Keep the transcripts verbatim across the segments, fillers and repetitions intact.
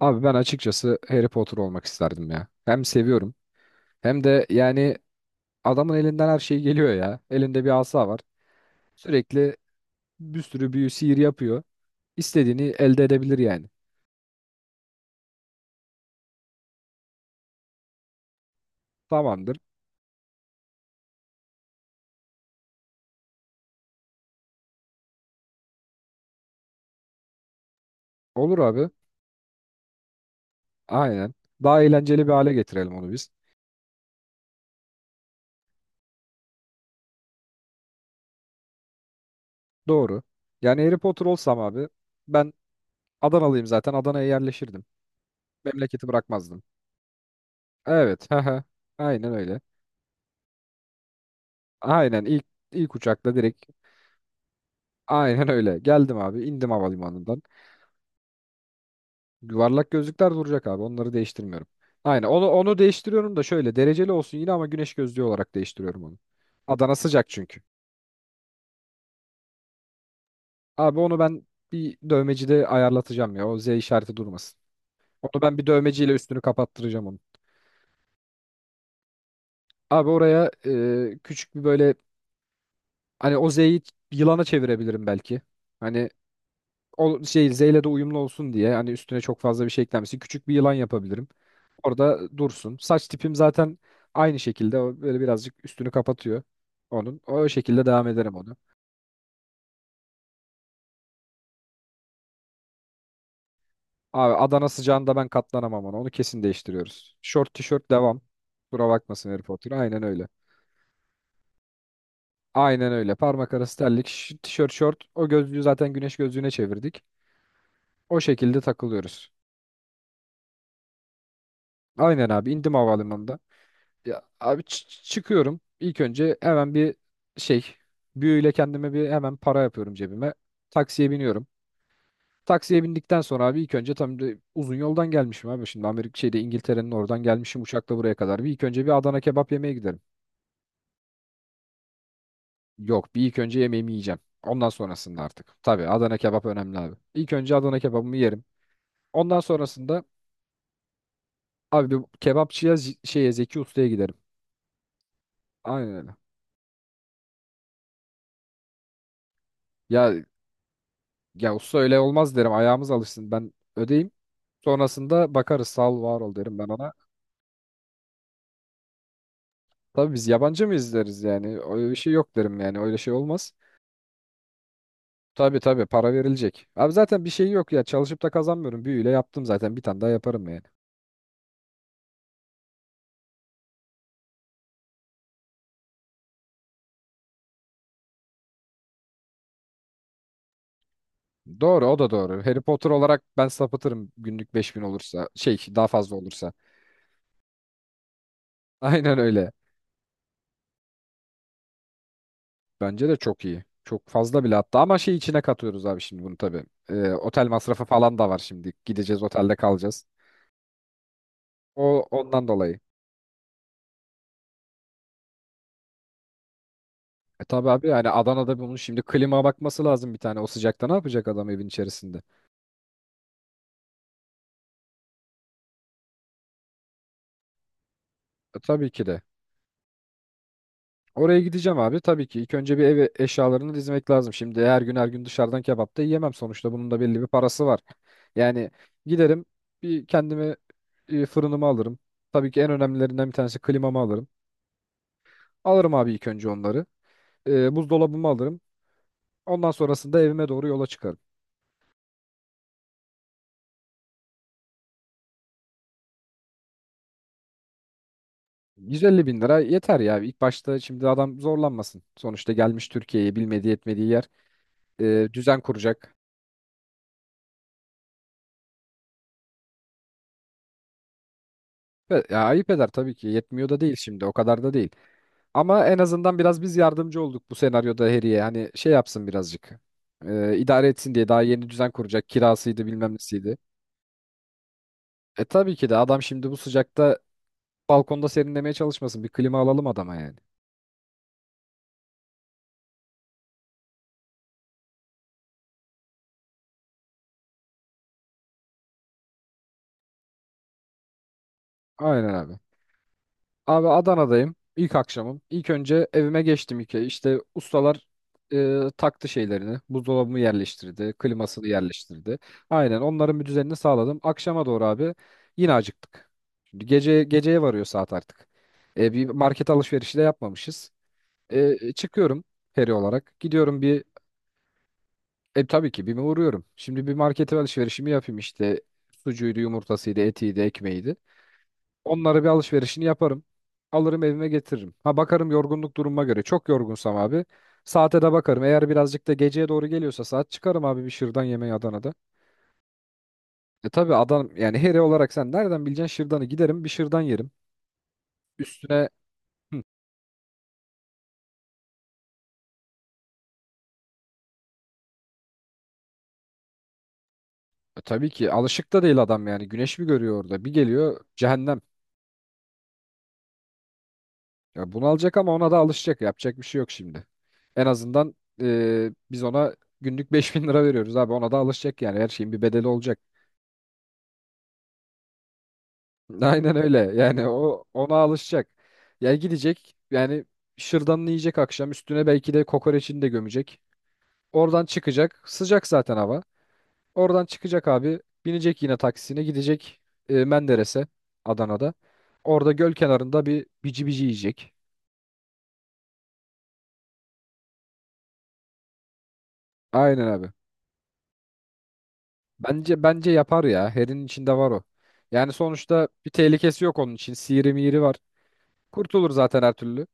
Abi ben açıkçası Harry Potter olmak isterdim ya. Hem seviyorum hem de yani adamın elinden her şey geliyor ya. Elinde bir asa var. Sürekli bir sürü büyü sihir yapıyor. İstediğini elde edebilir yani. Tamamdır. Olur abi. Aynen. Daha eğlenceli bir hale getirelim onu biz. Doğru. Yani Harry Potter olsam abi ben Adanalıyım zaten. Adana'ya yerleşirdim. Memleketi bırakmazdım. Evet. Hı. Aynen öyle. Aynen, ilk ilk uçakla direkt. Aynen öyle. Geldim abi, indim havalimanından. Yuvarlak gözlükler duracak abi. Onları değiştirmiyorum. Aynen. Onu onu değiştiriyorum da şöyle dereceli olsun yine, ama güneş gözlüğü olarak değiştiriyorum onu. Adana sıcak çünkü. Abi onu ben bir dövmecide ayarlatacağım ya. O Z işareti durmasın. Onu ben bir dövmeciyle üstünü kapattıracağım onu. Abi oraya e, küçük bir böyle, hani o Z'yi yılana çevirebilirim belki. Hani o şey Z ile de uyumlu olsun diye, hani üstüne çok fazla bir şey eklenmesin. Küçük bir yılan yapabilirim. Orada dursun. Saç tipim zaten aynı şekilde o böyle birazcık üstünü kapatıyor onun. O şekilde devam ederim onu. Abi Adana sıcağında ben katlanamam ona. Onu kesin değiştiriyoruz. Şort tişört devam. Kusura bakmasın Harry Potter. Aynen öyle. Aynen öyle. Parmak arası terlik, ş- tişört, şort. O gözlüğü zaten güneş gözlüğüne çevirdik. O şekilde takılıyoruz. Aynen abi, indim havalimanında. Ya abi çı- çıkıyorum. İlk önce hemen bir şey, büyüyle kendime bir hemen para yapıyorum cebime. Taksiye biniyorum. Taksiye bindikten sonra abi, ilk önce tam da uzun yoldan gelmişim abi. Şimdi Amerika şeyde İngiltere'nin oradan gelmişim uçakla buraya kadar. Bir ilk önce bir Adana kebap yemeye giderim. Yok, bir ilk önce yemeğimi yiyeceğim. Ondan sonrasında artık. Tabii Adana kebap önemli abi. İlk önce Adana kebabımı yerim. Ondan sonrasında abi bir kebapçıya, Z- şeye, Zeki Usta'ya giderim. Aynen öyle. Ya ya usta öyle olmaz derim. Ayağımız alışsın. Ben ödeyim. Sonrasında bakarız, sağ ol var ol derim ben ona. Tabii biz yabancı mı izleriz yani? Öyle bir şey yok derim yani. Öyle şey olmaz. Tabii tabii, para verilecek. Abi zaten bir şey yok ya. Çalışıp da kazanmıyorum. Büyüyle yaptım zaten. Bir tane daha yaparım yani. Doğru, o da doğru. Harry Potter olarak ben sapıtırım günlük beş bin olursa. Şey daha fazla olursa. Aynen öyle. Bence de çok iyi. Çok fazla bile hatta, ama şey içine katıyoruz abi şimdi bunu tabii. Ee, otel masrafı falan da var şimdi. Gideceğiz, otelde kalacağız. O ondan dolayı. E tabii abi, yani Adana'da bunun şimdi klima bakması lazım bir tane. O sıcakta ne yapacak adam evin içerisinde? E tabii ki de. Oraya gideceğim abi tabii ki. İlk önce bir ev eşyalarını dizmek lazım. Şimdi her gün her gün dışarıdan kebap da yiyemem sonuçta. Bunun da belli bir parası var. Yani giderim bir kendime e, fırınımı alırım. Tabii ki en önemlilerinden bir tanesi klimamı alırım. Alırım abi ilk önce onları. E, buzdolabımı alırım. Ondan sonrasında evime doğru yola çıkarım. yüz elli bin lira yeter ya. İlk başta şimdi adam zorlanmasın. Sonuçta gelmiş Türkiye'ye, bilmediği etmediği yer. E, düzen kuracak. Ve- Ya ayıp eder tabii ki. Yetmiyor da değil şimdi. O kadar da değil. Ama en azından biraz biz yardımcı olduk bu senaryoda Harry'e. Hani şey yapsın birazcık. E, idare etsin diye daha yeni düzen kuracak. Kirasıydı, bilmem nesiydi. E tabii ki de, adam şimdi bu sıcakta balkonda serinlemeye çalışmasın. Bir klima alalım adama yani. Aynen abi. Abi Adana'dayım. İlk akşamım. İlk önce evime geçtim iki. İşte ustalar e, taktı şeylerini. Buzdolabımı yerleştirdi. Klimasını yerleştirdi. Aynen, onların bir düzenini sağladım. Akşama doğru abi yine acıktık. Şimdi gece geceye varıyor saat artık. E, bir market alışverişi de yapmamışız. E, çıkıyorum peri olarak. Gidiyorum bir, e, tabii ki bir uğruyorum. Şimdi bir markete alışverişimi yapayım işte. Sucuydu, yumurtasıydı, etiydi, ekmeğiydi. Onlara bir alışverişini yaparım. Alırım, evime getiririm. Ha bakarım yorgunluk durumuma göre. Çok yorgunsam abi. Saate de bakarım. Eğer birazcık da geceye doğru geliyorsa saat, çıkarım abi bir şırdan yemeği Adana'da. E tabi adam yani heri olarak sen nereden bileceksin şırdanı? Giderim bir şırdan yerim. Üstüne. Hı. E, tabii ki alışık da değil adam yani. Güneş mi görüyor orada? Bir geliyor cehennem. Ya bunu alacak, ama ona da alışacak. Yapacak bir şey yok şimdi. En azından e, biz ona günlük beş bin lira veriyoruz abi. Ona da alışacak yani. Her şeyin bir bedeli olacak. Aynen öyle. Yani o ona alışacak. Ya gidecek yani şırdanını yiyecek, akşam üstüne belki de kokoreçini de gömecek. Oradan çıkacak. Sıcak zaten hava. Oradan çıkacak abi. Binecek yine taksisine, gidecek e, Menderes'e, Adana'da. Orada göl kenarında bir bici bici yiyecek. Aynen abi. Bence bence yapar ya. Her'in içinde var o. Yani sonuçta bir tehlikesi yok onun için. Sihiri mihiri var. Kurtulur zaten her türlü.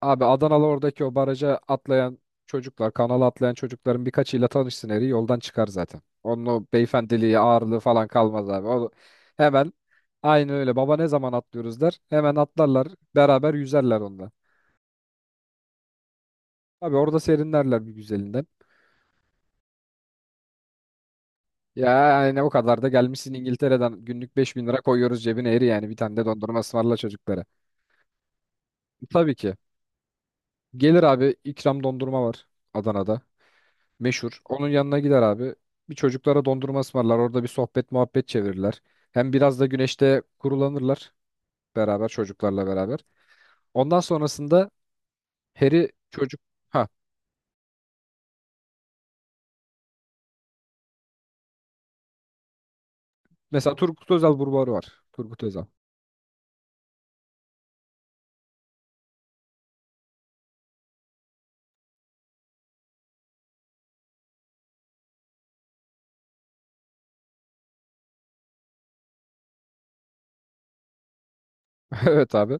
Abi Adanalı oradaki o baraja atlayan çocuklar, kanala atlayan çocukların birkaçıyla tanışsın, eri yoldan çıkar zaten. Onun o beyefendiliği, ağırlığı falan kalmaz abi. O hemen aynı öyle, baba ne zaman atlıyoruz der. Hemen atlarlar, beraber yüzerler onda. Abi orada serinlerler bir güzelinden. Ya yani o kadar da gelmişsin İngiltere'den, günlük beş bin lira koyuyoruz cebine eri, yani bir tane de dondurma ısmarla çocuklara. Tabii ki. Gelir abi, ikram dondurma var Adana'da. Meşhur. Onun yanına gider abi. Bir çocuklara dondurma ısmarlar. Orada bir sohbet muhabbet çevirirler. Hem biraz da güneşte kurulanırlar beraber çocuklarla beraber. Ondan sonrasında Harry çocuk, ha mesela Turgut Özal burbarı var. Turgut Özal. Evet abi.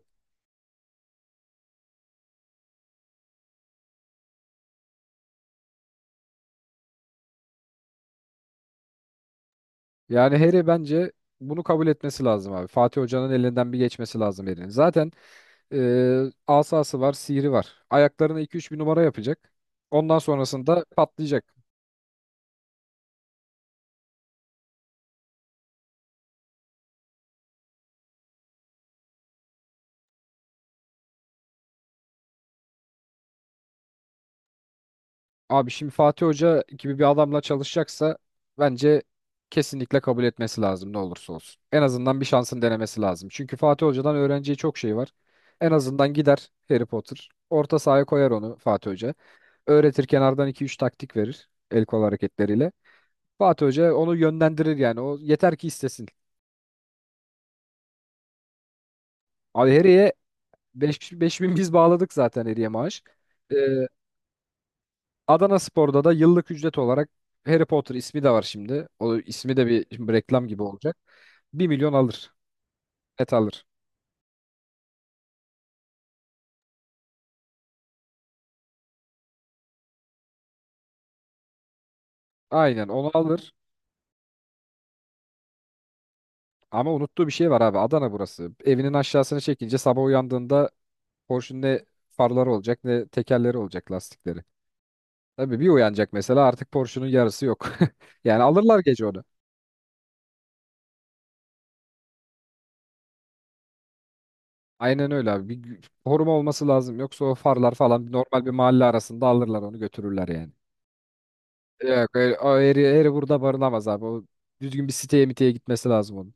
Yani Harry bence bunu kabul etmesi lazım abi. Fatih Hoca'nın elinden bir geçmesi lazım Harry'nin. Zaten e, asası var, sihri var. Ayaklarına iki üç bir numara yapacak. Ondan sonrasında patlayacak. Abi şimdi Fatih Hoca gibi bir adamla çalışacaksa bence kesinlikle kabul etmesi lazım ne olursa olsun. En azından bir şansın denemesi lazım. Çünkü Fatih Hoca'dan öğreneceği çok şey var. En azından gider Harry Potter. Orta sahaya koyar onu Fatih Hoca. Öğretir, kenardan iki üç taktik verir el kol hareketleriyle. Fatih Hoca onu yönlendirir yani. O yeter ki istesin. Abi Harry'e beş bin, biz bağladık zaten Harry'e maaş. Ee, Adanaspor'da da yıllık ücret olarak Harry Potter ismi de var şimdi. O ismi de bir, şimdi reklam gibi olacak. Bir milyon alır. Net alır. Aynen onu alır. Ama unuttuğu bir şey var abi. Adana burası. Evinin aşağısını çekince sabah uyandığında Porsche'un ne farları olacak ne tekerleri olacak lastikleri. Tabii bir uyanacak mesela artık Porsche'un yarısı yok. Yani alırlar gece onu. Aynen öyle abi. Bir gü- koruma olması lazım. Yoksa o farlar falan normal bir mahalle arasında alırlar onu, götürürler yani. Yok öyle, o eri, eri burada barınamaz abi. O düzgün bir siteye miteye gitmesi lazım onun.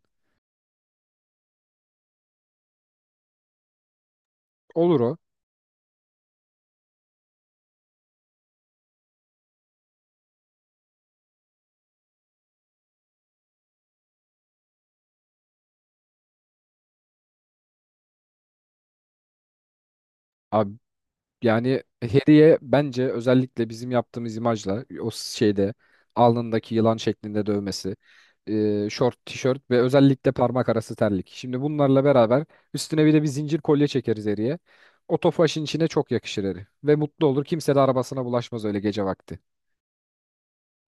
Olur o. Abi yani Harry'e bence özellikle bizim yaptığımız imajla o şeyde alnındaki yılan şeklinde dövmesi, e, şort, tişört ve özellikle parmak arası terlik. Şimdi bunlarla beraber üstüne bir de bir zincir kolye çekeriz Harry'e. O tofaşın içine çok yakışır Harry. Ve mutlu olur. Kimse de arabasına bulaşmaz öyle gece vakti.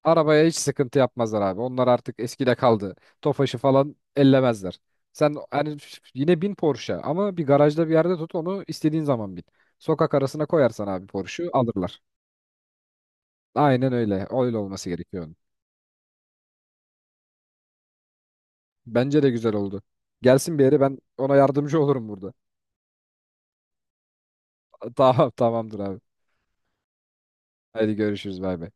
Arabaya hiç sıkıntı yapmazlar abi. Onlar artık eskide kaldı. Tofaş'ı falan ellemezler. Sen hani yine bin Porsche, ama bir garajda bir yerde tut onu, istediğin zaman bin. Sokak arasına koyarsan abi Porsche'u alırlar. Aynen öyle. Öyle olması gerekiyor onun. Bence de güzel oldu. Gelsin bir yere, ben ona yardımcı olurum burada. Tamam tamamdır abi. Hadi görüşürüz, bay bay.